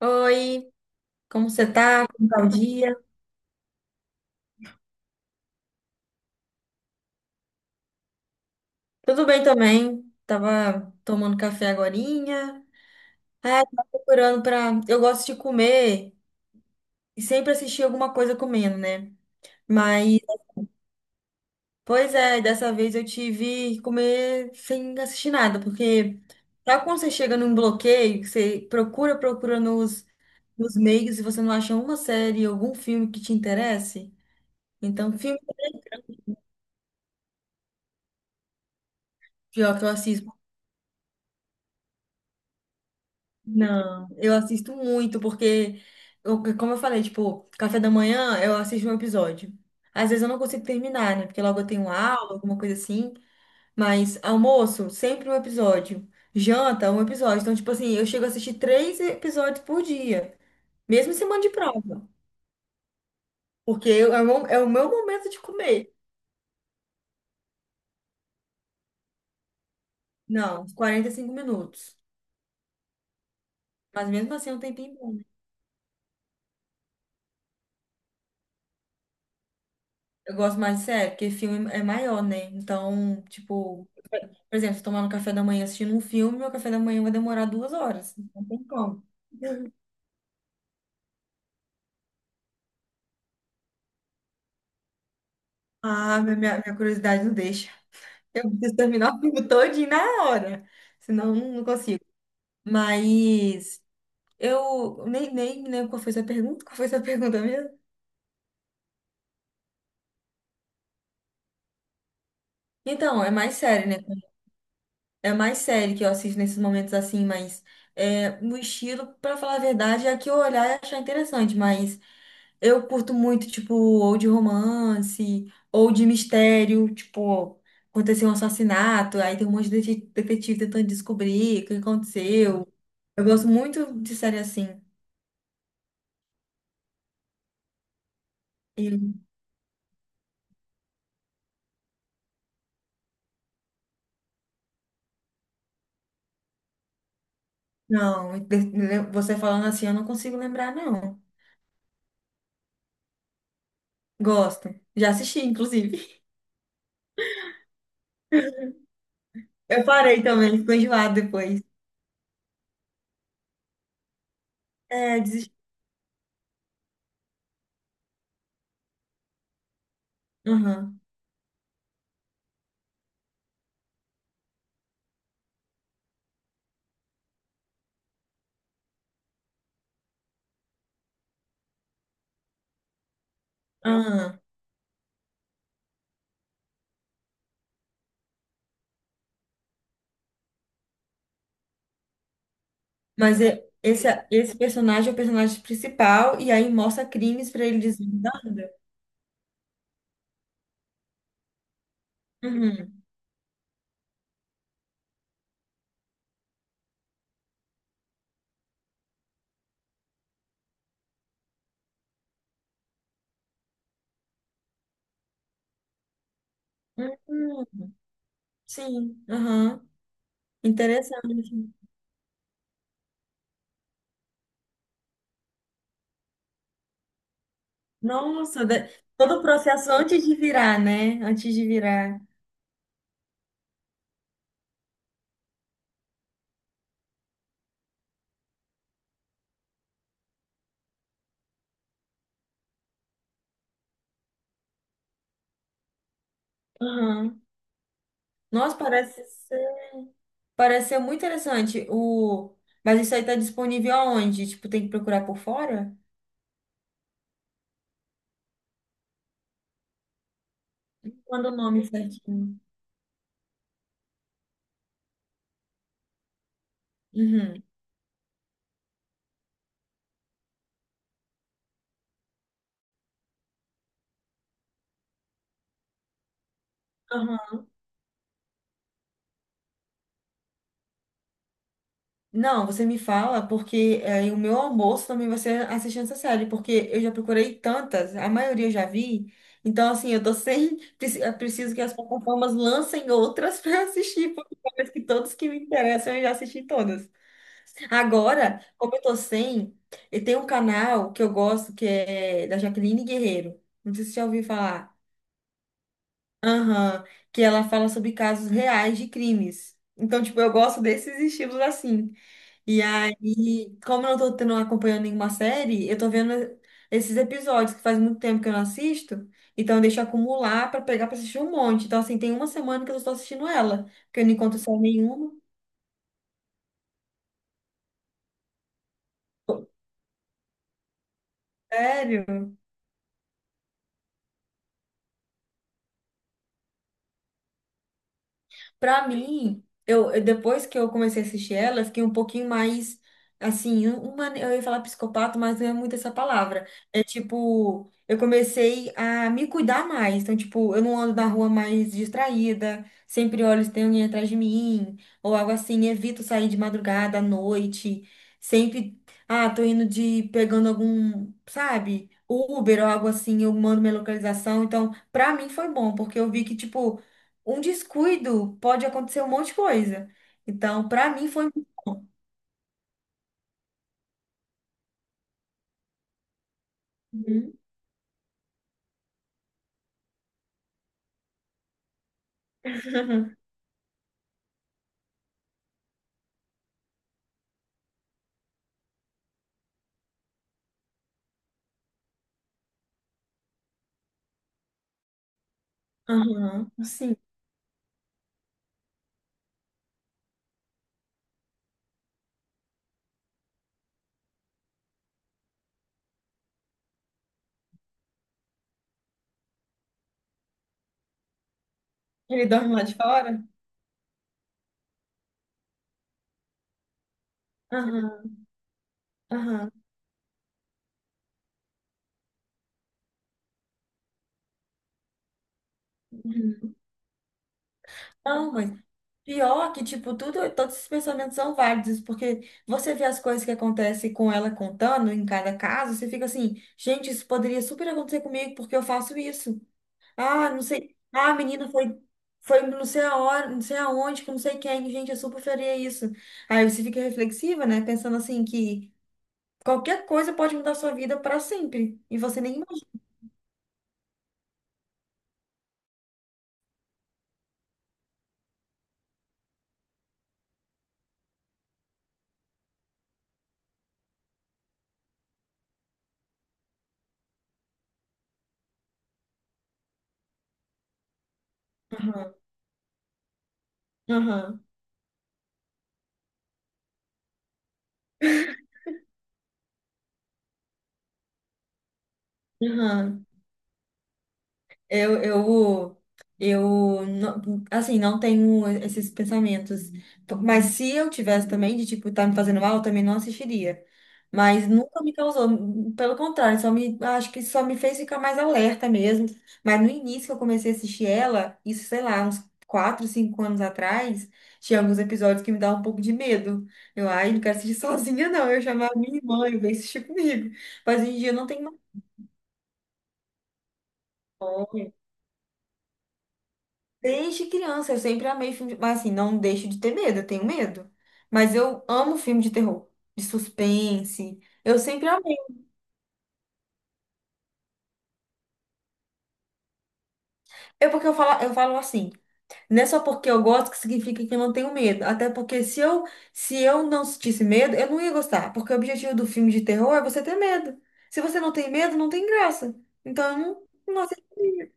Oi, como você tá? Como tá o dia? Tudo bem também. Tava tomando café agorinha. É, tava procurando pra... Eu gosto de comer e sempre assistir alguma coisa comendo, né? Mas, pois é, dessa vez eu tive que comer sem assistir nada, porque sabe quando você chega num bloqueio, que você procura, procura nos meios e você não acha uma série, algum filme que te interesse? Então, filme pior que eu assisto. Não, eu assisto muito, porque, como eu falei, tipo, café da manhã eu assisto um episódio. Às vezes eu não consigo terminar, né? Porque logo eu tenho aula, alguma coisa assim. Mas almoço, sempre um episódio. Janta, um episódio. Então, tipo assim, eu chego a assistir três episódios por dia, mesmo em semana de prova. Porque é o meu momento de comer. Não, uns 45 minutos. Mas mesmo assim é um tempinho bom. Eu gosto mais de série, porque filme é maior, né? Então, tipo. Por exemplo, se tomar no café da manhã assistindo um filme, meu café da manhã vai demorar duas horas. Não tem como. Ah, minha curiosidade não deixa. Eu preciso terminar o filme todinho na hora. Senão eu não consigo. Mas eu nem lembro qual foi sua pergunta. Qual foi sua pergunta mesmo? Então, é mais sério, né? É mais sério que eu assisto nesses momentos assim, mas é, o estilo, pra falar a verdade, é a que eu olhar e achar interessante, mas eu curto muito, tipo, ou de romance, ou de mistério, tipo, aconteceu um assassinato, aí tem um monte de detetive tentando descobrir o que aconteceu. Eu gosto muito de série assim. E, não, você falando assim, eu não consigo lembrar, não. Gosto. Já assisti, inclusive. Eu parei também, ficou enjoado depois. É, desisti. Aham. Aham. Mas esse, esse personagem é o personagem principal, e aí mostra crimes pra ele desvendando. Uhum. Hum, sim, aham. Interessante. Nossa, todo o processo antes de virar, né? Antes de virar. Aham. Nossa, parece ser muito interessante. O... Mas isso aí tá disponível aonde? Tipo, tem que procurar por fora? Manda o nome certinho. Uhum. Não, você me fala, porque aí o meu almoço também vai ser assistindo essa série, porque eu já procurei tantas, a maioria eu já vi. Então, assim, eu tô sem. Eu preciso que as plataformas lancem outras para assistir, porque parece que todos que me interessam eu já assisti todas. Agora, como eu tô sem, e tem um canal que eu gosto que é da Jaqueline Guerreiro. Não sei se você já ouviu falar. Aham, que ela fala sobre casos reais de crimes. Então, tipo, eu gosto desses estilos assim. E aí, como eu não tô tendo, acompanhando nenhuma série, eu tô vendo esses episódios que faz muito tempo que eu não assisto, então eu deixo acumular pra pegar pra assistir um monte. Então, assim, tem uma semana que eu só tô assistindo ela, porque eu não encontro série nenhuma. Sério? Pra mim, depois que eu comecei a assistir ela, eu fiquei um pouquinho mais assim, eu ia falar psicopata, mas não é muito essa palavra. É tipo, eu comecei a me cuidar mais. Então, tipo, eu não ando na rua mais distraída, sempre olho se tem alguém atrás de mim, ou algo assim, evito sair de madrugada à noite, sempre, ah, tô indo de pegando algum, sabe? Uber ou algo assim, eu mando minha localização. Então, pra mim foi bom, porque eu vi que, tipo, um descuido pode acontecer um monte de coisa. Então, pra mim foi muito bom. Uhum. Aham, sim. Ele dorme lá de fora? Aham, aham. Uhum. Não, mas pior que, tipo, tudo, todos esses pensamentos são válidos, porque você vê as coisas que acontecem com ela contando em cada caso, você fica assim, gente, isso poderia super acontecer comigo porque eu faço isso. Ah, não sei. Ah, a menina foi, foi não sei aonde, não sei aonde, com não sei quem. Gente, eu super faria isso. Aí você fica reflexiva, né? Pensando assim que qualquer coisa pode mudar sua vida para sempre. E você nem imagina. Aham, aham, aham. Eu, eu, eu, não- assim, não tenho esses pensamentos. Mas se eu tivesse também, de tipo, tá me fazendo mal, eu também não assistiria. Mas nunca me causou. Pelo contrário, só me, acho que só me fez ficar mais alerta mesmo. Mas no início que eu comecei a assistir ela, isso, sei lá, uns 4 ou 5 anos atrás, tinha alguns episódios que me davam um pouco de medo. Eu, ai, não quero assistir sozinha, não. Eu chamava minha irmã, eu veio assistir comigo. Mas hoje em dia eu não tenho mais. Desde criança, eu sempre amei filme de... Mas assim, não deixo de ter medo, eu tenho medo. Mas eu amo filme de terror, de suspense. Eu sempre amei. É porque eu falo assim, não é só porque eu gosto que significa que eu não tenho medo. Até porque se eu não sentisse medo, eu não ia gostar. Porque o objetivo do filme de terror é você ter medo. Se você não tem medo, não tem graça. Então, eu não, não aceito isso.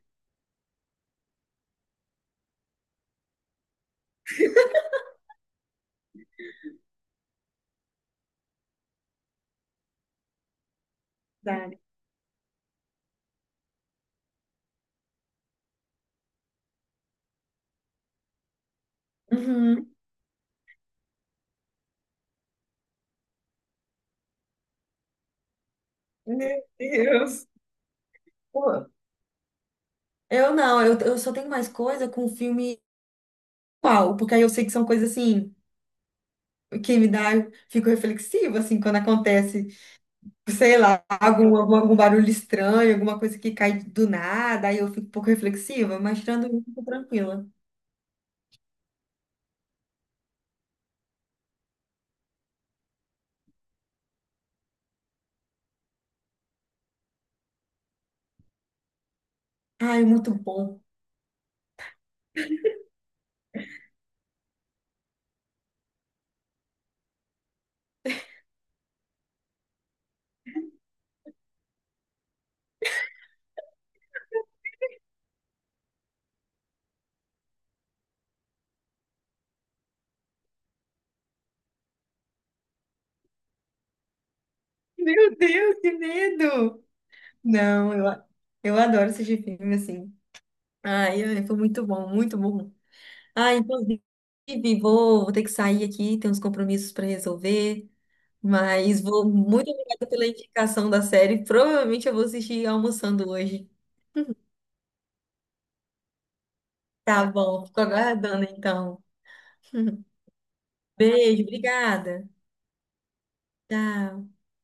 Sabe? Uhum. Meu Deus. Pô, eu não, eu só tenho mais coisa com filme. Qual, porque aí eu sei que são coisas assim que me dá, eu fico reflexiva assim quando acontece, sei lá, algum barulho estranho, alguma coisa que cai do nada, aí eu fico um pouco reflexiva, mas tirando isso, eu tô tranquila. Ai, muito bom. Meu Deus, que medo! Não, eu adoro assistir filme assim. Ai, ai, foi muito bom, muito bom. Ai, inclusive, vou ter que sair aqui, tem uns compromissos para resolver. Mas vou muito obrigada pela indicação da série. Provavelmente eu vou assistir almoçando hoje. Tá bom, fico aguardando então. Beijo, obrigada. Tchau.